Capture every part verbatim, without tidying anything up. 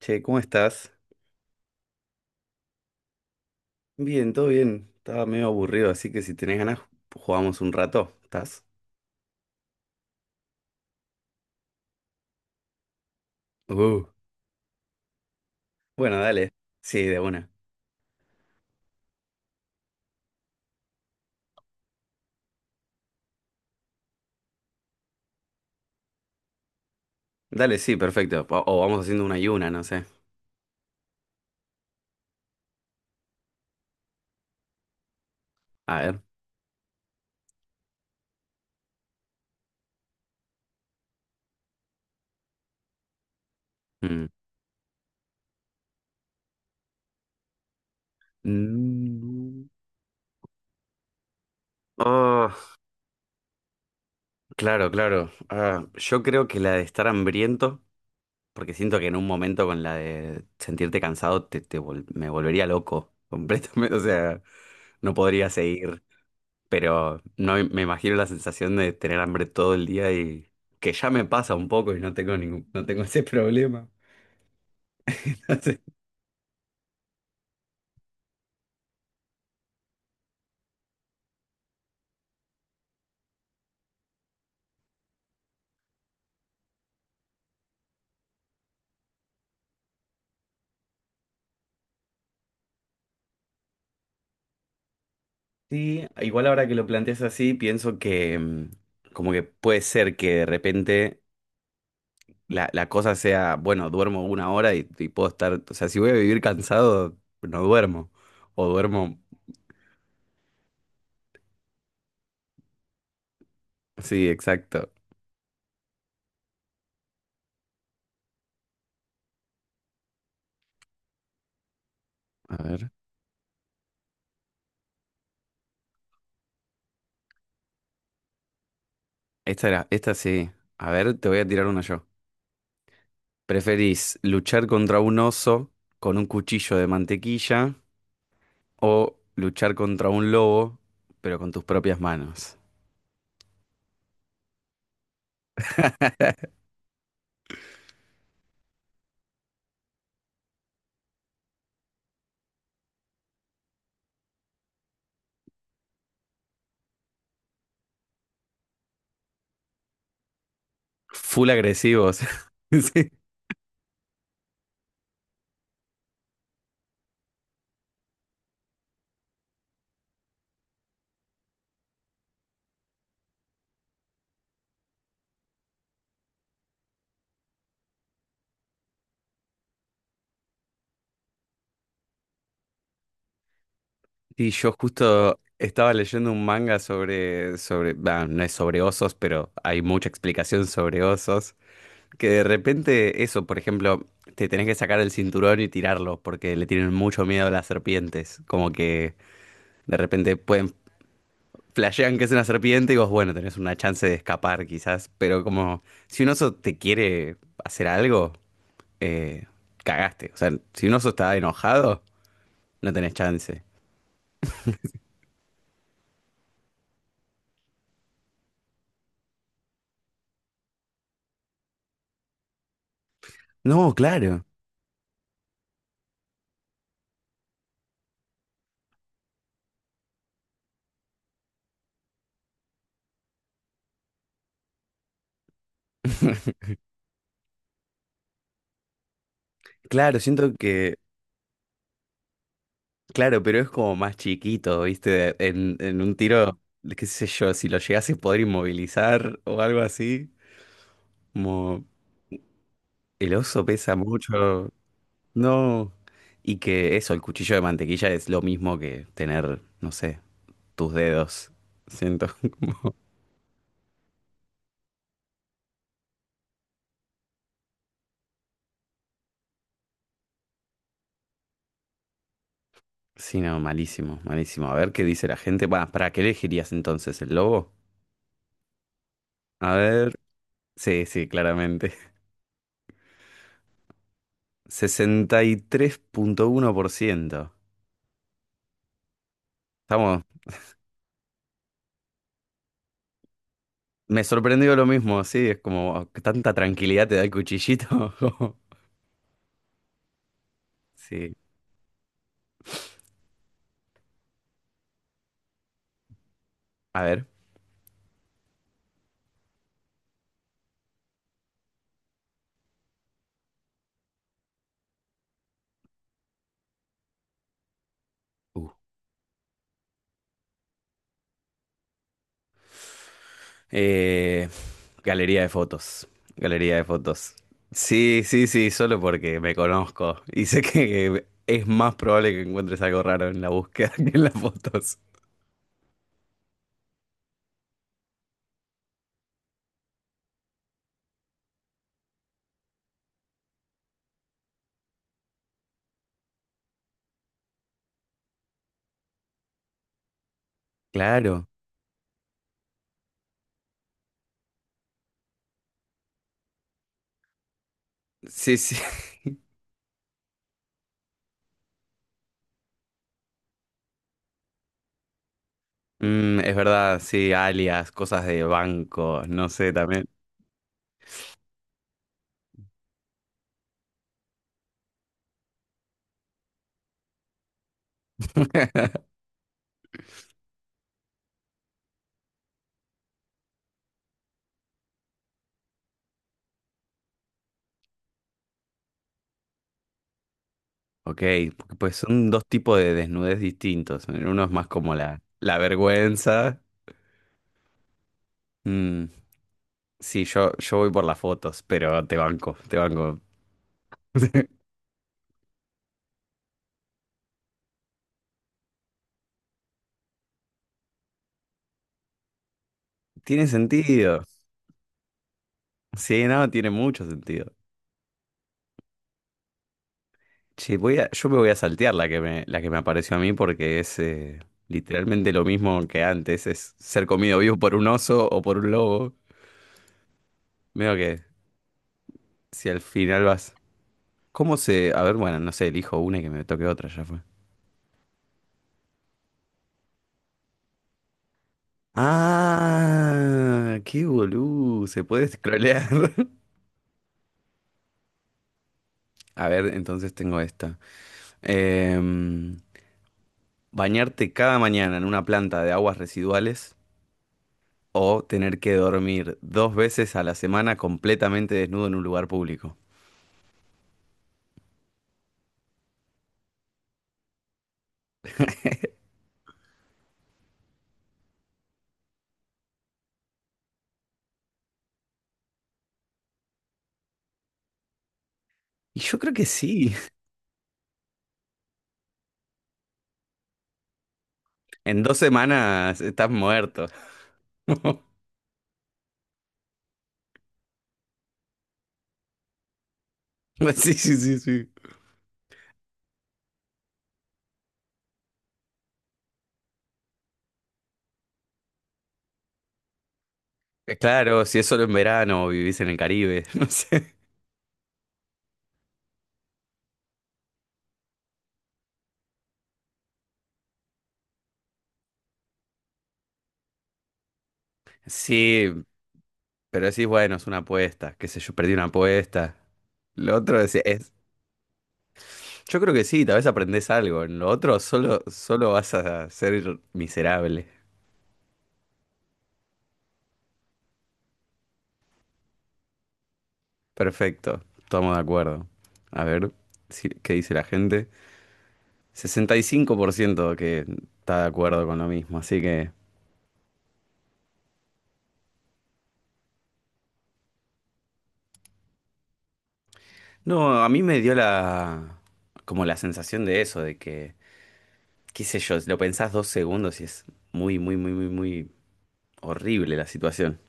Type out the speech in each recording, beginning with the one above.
Che, ¿cómo estás? Bien, todo bien. Estaba medio aburrido, así que si tenés ganas, jugamos un rato. ¿Estás? Uh. Bueno, dale. Sí, de una. Dale, sí, perfecto. O, o vamos haciendo una y una, no sé. A ver. Mm. Mm. Oh, claro, claro. Ah, yo creo que la de estar hambriento, porque siento que en un momento con la de sentirte cansado te, te vol- me volvería loco completamente. O sea, no podría seguir. Pero no me imagino la sensación de tener hambre todo el día, y que ya me pasa un poco y no tengo ningún, no tengo ese problema. Entonces, Sí, igual ahora que lo planteas así, pienso que mm, como que puede ser que de repente la, la cosa sea, bueno, duermo una hora, y, y puedo estar, o sea, si voy a vivir cansado, no duermo. O duermo, sí, exacto. A ver. Esta era, esta sí. A ver, te voy a tirar una yo. ¿Preferís luchar contra un oso con un cuchillo de mantequilla, o luchar contra un lobo, pero con tus propias manos? Full agresivos. Sí. Sí, yo justo estaba leyendo un manga sobre, sobre, bah, no es sobre osos, pero hay mucha explicación sobre osos, que de repente eso, por ejemplo, te tenés que sacar el cinturón y tirarlo, porque le tienen mucho miedo a las serpientes, como que de repente pueden, flashean que es una serpiente y vos, bueno, tenés una chance de escapar quizás, pero como si un oso te quiere hacer algo, eh, cagaste. O sea, si un oso está enojado, no tenés chance. No, claro. Claro, siento que, claro, pero es como más chiquito, ¿viste? En, en un tiro, qué sé yo, si lo llegase a poder inmovilizar o algo así, como el oso pesa mucho, no. Y que eso, el cuchillo de mantequilla es lo mismo que tener, no sé, tus dedos. Siento como... Sí, no, malísimo, malísimo. A ver qué dice la gente. Va, ¿para qué elegirías entonces el lobo? A ver, sí, sí, claramente. Sesenta y tres punto uno por ciento. Estamos, me sorprendió lo mismo, sí, es como tanta tranquilidad te da el cuchillito. Sí, a ver. Uh. Eh, Galería de fotos, galería de fotos. Sí, sí, sí, solo porque me conozco y sé que es más probable que encuentres algo raro en la búsqueda que en las fotos. Claro, sí, sí. Mm, es verdad, sí, alias, cosas de banco, no sé también. Ok, porque, pues son dos tipos de desnudez distintos. Uno es más como la, la vergüenza. Mm, sí, yo, yo voy por las fotos, pero te banco, te banco. Tiene sentido. Sí, no, tiene mucho sentido. Che, voy a, yo me voy a saltear la que me, la que me apareció a mí porque es eh, literalmente lo mismo que antes. Es ser comido vivo por un oso o por un lobo. Veo que si al final vas... ¿Cómo se...? A ver, bueno, no sé, elijo una y que me toque otra, ya fue. Ah, qué boludo, se puede scrollear. A ver, entonces tengo esta. Em, Bañarte cada mañana en una planta de aguas residuales, o tener que dormir dos veces a la semana completamente desnudo en un lugar público. Y yo creo que sí. En dos semanas estás muerto. Sí, sí, sí, sí. Eh, Claro, si es solo en verano o vivís en el Caribe, no sé. Sí, pero decís, bueno, es una apuesta, qué sé yo, perdí una apuesta. Lo otro es, es- Yo creo que sí, tal vez aprendés algo. En lo otro solo, solo vas a ser miserable. Perfecto, estamos de acuerdo. A ver, si- ¿qué dice la gente? Sesenta y cinco por ciento que está de acuerdo con lo mismo, así que... No, a mí me dio la... como la sensación de eso, de que, qué sé yo, lo pensás dos segundos y es muy, muy, muy, muy, muy horrible la situación.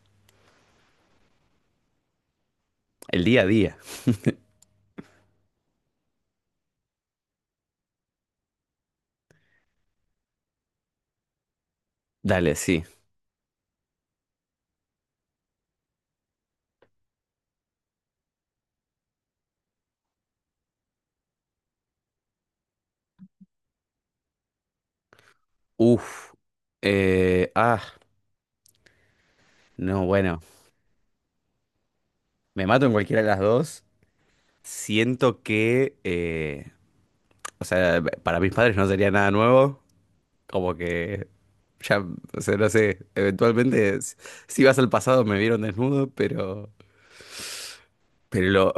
El día a día. Dale, sí. Uf. eh, ah, no, bueno. Me mato en cualquiera de las dos. Siento que, eh, o sea, para mis padres no sería nada nuevo. Como que ya, o sea, no sé, eventualmente s- si vas al pasado me vieron desnudo, pero, pero lo,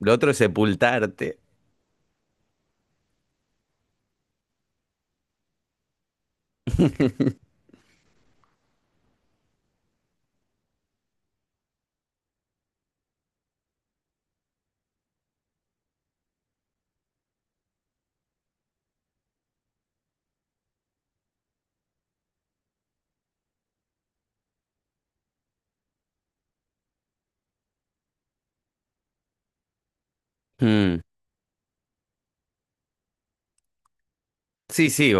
lo otro es sepultarte. Mm. Sí, sí.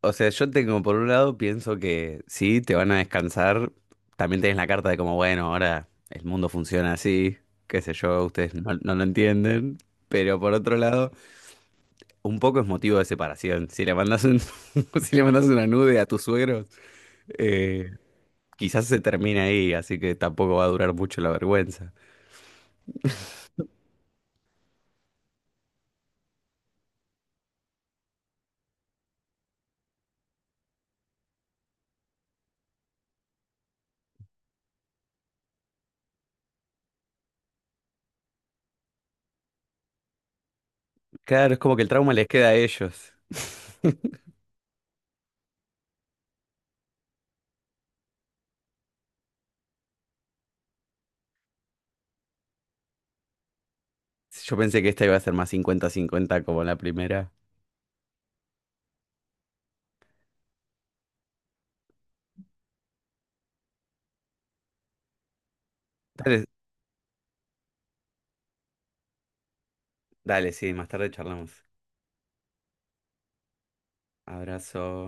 O sea, yo tengo, por un lado, pienso que sí, te van a descansar. También tenés la carta de como, bueno, ahora el mundo funciona así, qué sé yo, ustedes no, no lo entienden. Pero por otro lado, un poco es motivo de separación. Si le mandas un, si le mandas una nude a tus suegros, eh, quizás se termina ahí, así que tampoco va a durar mucho la vergüenza. Claro, es como que el trauma les queda a ellos. Yo pensé que esta iba a ser más cincuenta a cincuenta como la primera. Dale, dale, sí, más tarde charlamos. Abrazo.